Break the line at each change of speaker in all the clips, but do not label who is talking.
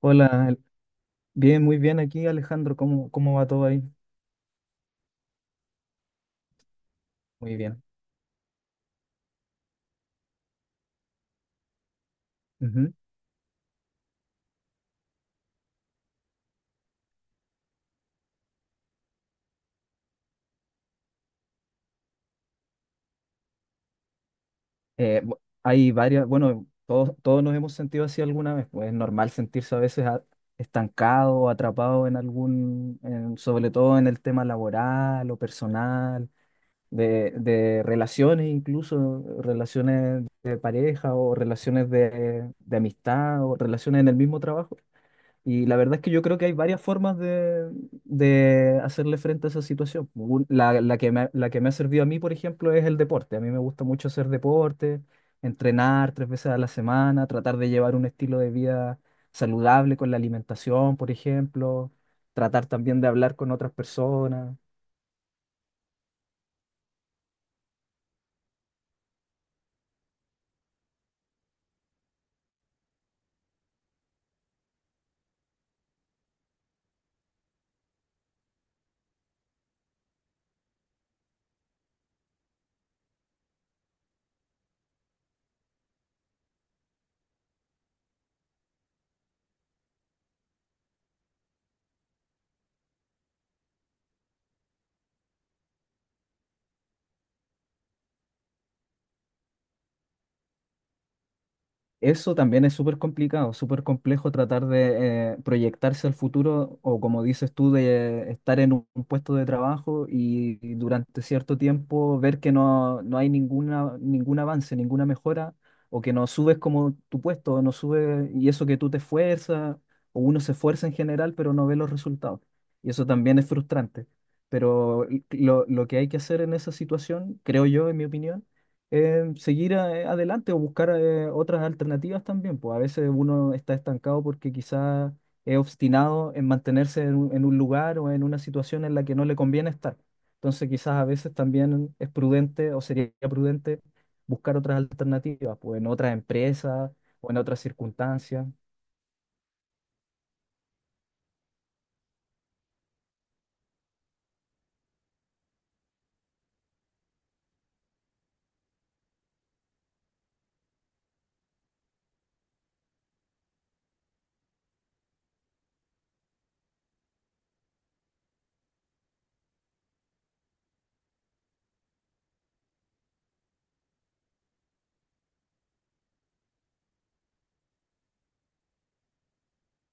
Hola, bien, muy bien aquí, Alejandro. ¿Cómo va todo ahí? Muy bien. Ujú. Hay varias, bueno, todos nos hemos sentido así alguna vez, pues es normal sentirse a veces estancado o atrapado en sobre todo en el tema laboral o personal, de relaciones incluso, relaciones de pareja o relaciones de amistad o relaciones en el mismo trabajo. Y la verdad es que yo creo que hay varias formas de hacerle frente a esa situación. La que me, la que me ha servido a mí, por ejemplo, es el deporte. A mí me gusta mucho hacer deporte, entrenar tres veces a la semana, tratar de llevar un estilo de vida saludable con la alimentación, por ejemplo, tratar también de hablar con otras personas. Eso también es súper complicado, súper complejo tratar de proyectarse al futuro o como dices tú, de estar en un puesto de trabajo y durante cierto tiempo ver que no, no hay ninguna, ningún avance, ninguna mejora o que no subes como tu puesto, o no sube y eso que tú te esfuerzas o uno se esfuerza en general pero no ve los resultados. Y eso también es frustrante. Pero lo que hay que hacer en esa situación, creo yo, en mi opinión, seguir adelante o buscar otras alternativas también, pues a veces uno está estancado porque quizás es obstinado en mantenerse en un lugar o en una situación en la que no le conviene estar. Entonces quizás a veces también es prudente o sería prudente buscar otras alternativas, pues en otras empresas o en otras circunstancias.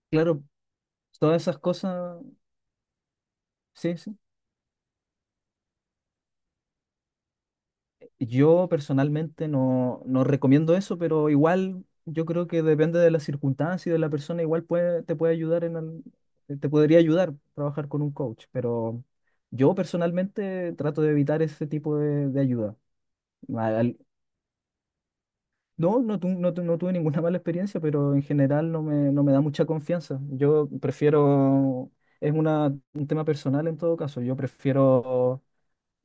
Claro, todas esas cosas, sí, sí. Yo personalmente no, no recomiendo eso, pero igual yo creo que depende de las circunstancias y de la persona, igual puede, te puede ayudar en te podría ayudar trabajar con un coach, pero yo personalmente trato de evitar ese tipo de ayuda. Al- al- no tuve ninguna mala experiencia, pero en general no me, no me da mucha confianza. Yo prefiero, es un tema personal en todo caso, yo prefiero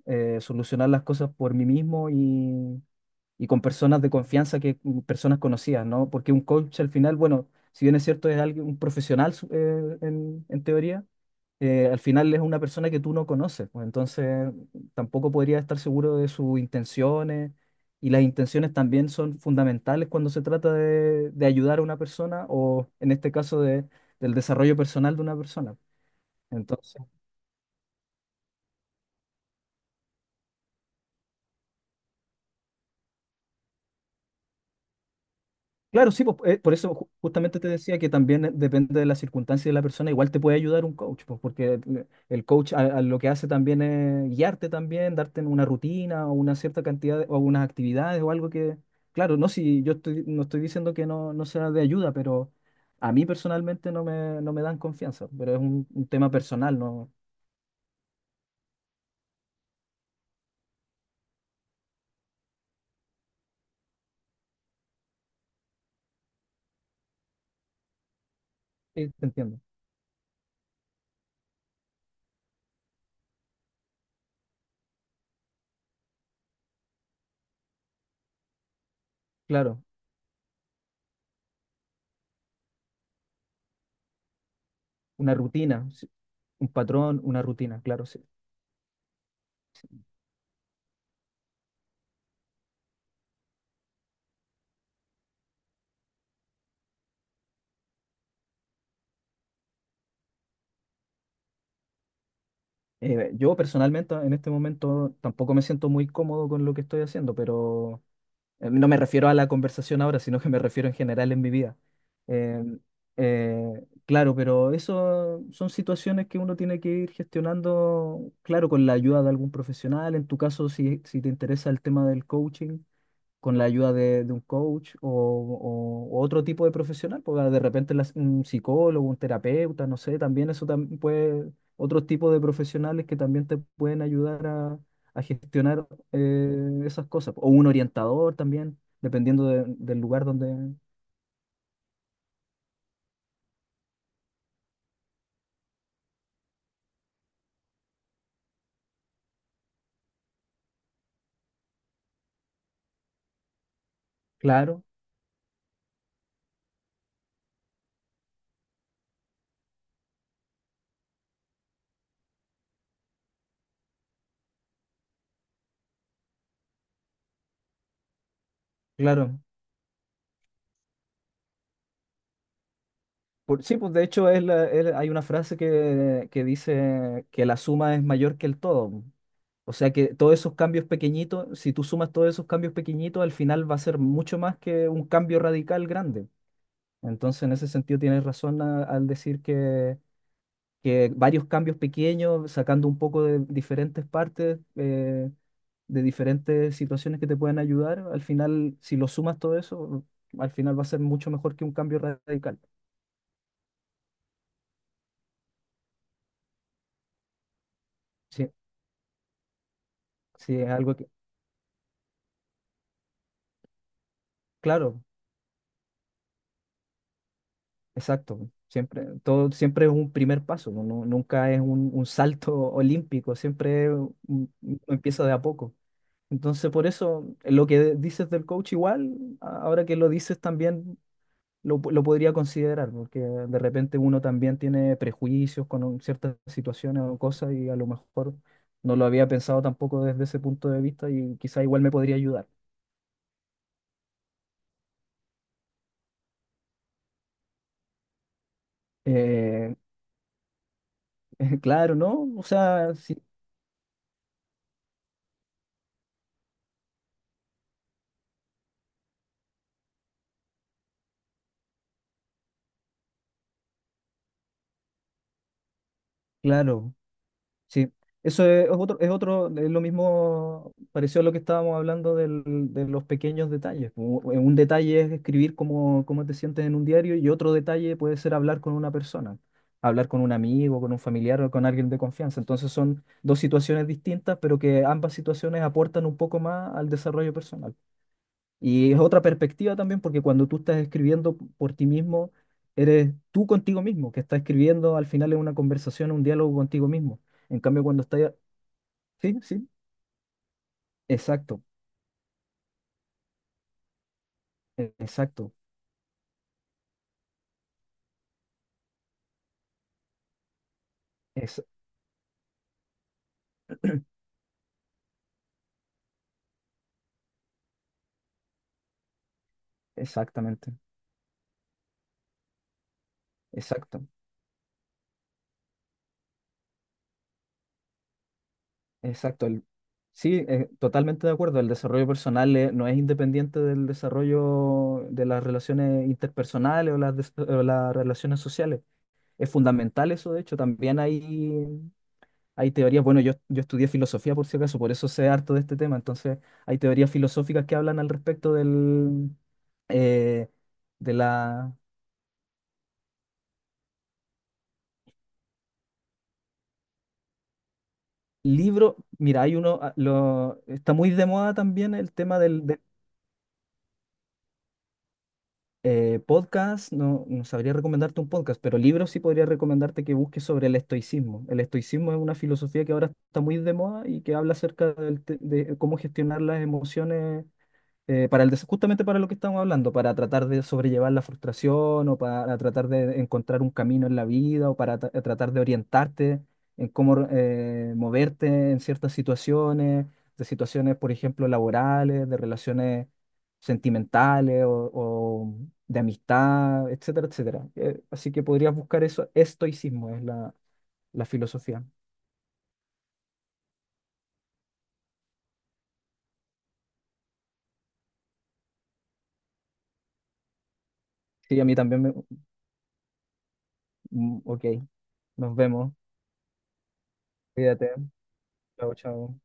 solucionar las cosas por mí mismo y con personas de confianza que personas conocidas, ¿no? Porque un coach al final, bueno, si bien es cierto, es alguien, en teoría, al final es una persona que tú no conoces, pues, entonces tampoco podría estar seguro de sus intenciones y las intenciones también son fundamentales cuando se trata de ayudar a una persona o en este caso de, del desarrollo personal de una persona. Entonces, claro, sí, pues, por eso justamente te decía que también depende de la circunstancia de la persona, igual te puede ayudar un coach, pues, porque el coach a lo que hace también es guiarte también, darte una rutina o una cierta cantidad o unas actividades o algo que, claro, no, si yo estoy, no estoy diciendo que no, no sea de ayuda, pero a mí personalmente no me, no me dan confianza, pero es un tema personal, ¿no? Sí, te entiendo. Claro, una rutina, sí, un patrón, una rutina, claro, sí. Yo personalmente en este momento tampoco me siento muy cómodo con lo que estoy haciendo, pero no me refiero a la conversación ahora, sino que me refiero en general en mi vida. Eh, claro, pero eso son situaciones que uno tiene que ir gestionando, claro, con la ayuda de algún profesional. En tu caso, si, si te interesa el tema del coaching, con la ayuda de un coach o, o otro tipo de profesional, porque de repente un psicólogo, un terapeuta, no sé, también eso también puede, otros tipos de profesionales que también te pueden ayudar a gestionar esas cosas, o un orientador también, dependiendo del lugar donde... Claro, claro. Sí, pues de hecho es hay una frase que dice que la suma es mayor que el todo. O sea que todos esos cambios pequeñitos, si tú sumas todos esos cambios pequeñitos, al final va a ser mucho más que un cambio radical grande. Entonces, en ese sentido, tienes razón al decir que varios cambios pequeños, sacando un poco de diferentes partes, de diferentes situaciones que te pueden ayudar, al final, si lo sumas todo eso, al final va a ser mucho mejor que un cambio radical. Sí, sí, es algo que, claro. Exacto, siempre, todo, siempre es un primer paso, ¿no? Nunca es un salto olímpico, siempre uno empieza de a poco. Entonces, por eso, lo que dices del coach igual, ahora que lo dices también lo, lo podría considerar, porque de repente uno también tiene prejuicios con ciertas situaciones o cosas y a lo mejor no lo había pensado tampoco desde ese punto de vista y quizá igual me podría ayudar. Eh, claro, ¿no? O sea, sí, claro. Sí, eso es otro, es otro, es lo mismo, pareció a lo que estábamos hablando de los pequeños detalles. Un detalle es escribir cómo te sientes en un diario y otro detalle puede ser hablar con una persona, hablar con un amigo, con un familiar o con alguien de confianza. Entonces son dos situaciones distintas, pero que ambas situaciones aportan un poco más al desarrollo personal. Y es otra perspectiva también, porque cuando tú estás escribiendo por ti mismo, eres tú contigo mismo, que estás escribiendo al final es una conversación, un diálogo contigo mismo. En cambio, cuando estás... Sí, sí, exacto, exacto, es, exactamente, exacto, exacto. Sí, totalmente de acuerdo, el desarrollo personal no es independiente del desarrollo de las relaciones interpersonales o las, o las relaciones sociales. Es fundamental eso, de hecho, también ahí hay teorías, bueno, yo estudié filosofía por si acaso, por eso sé harto de este tema, entonces hay teorías filosóficas que hablan al respecto del, eh, de la libro. Mira, hay uno, ah, lo, está muy de moda también el tema podcast, no, no sabría recomendarte un podcast, pero libros sí podría recomendarte que busques sobre el estoicismo. El estoicismo es una filosofía que ahora está muy de moda y que habla acerca de cómo gestionar las emociones para justamente para lo que estamos hablando, para tratar de sobrellevar la frustración o para tratar de encontrar un camino en la vida o para tratar de orientarte en cómo moverte en ciertas situaciones, de situaciones, por ejemplo, laborales, de relaciones sentimentales o de amistad, etcétera, etcétera. Así que podrías buscar eso. Estoicismo es la, la filosofía. Sí, a mí también me... mm, ok, nos vemos. Cuídate. Chao, chao.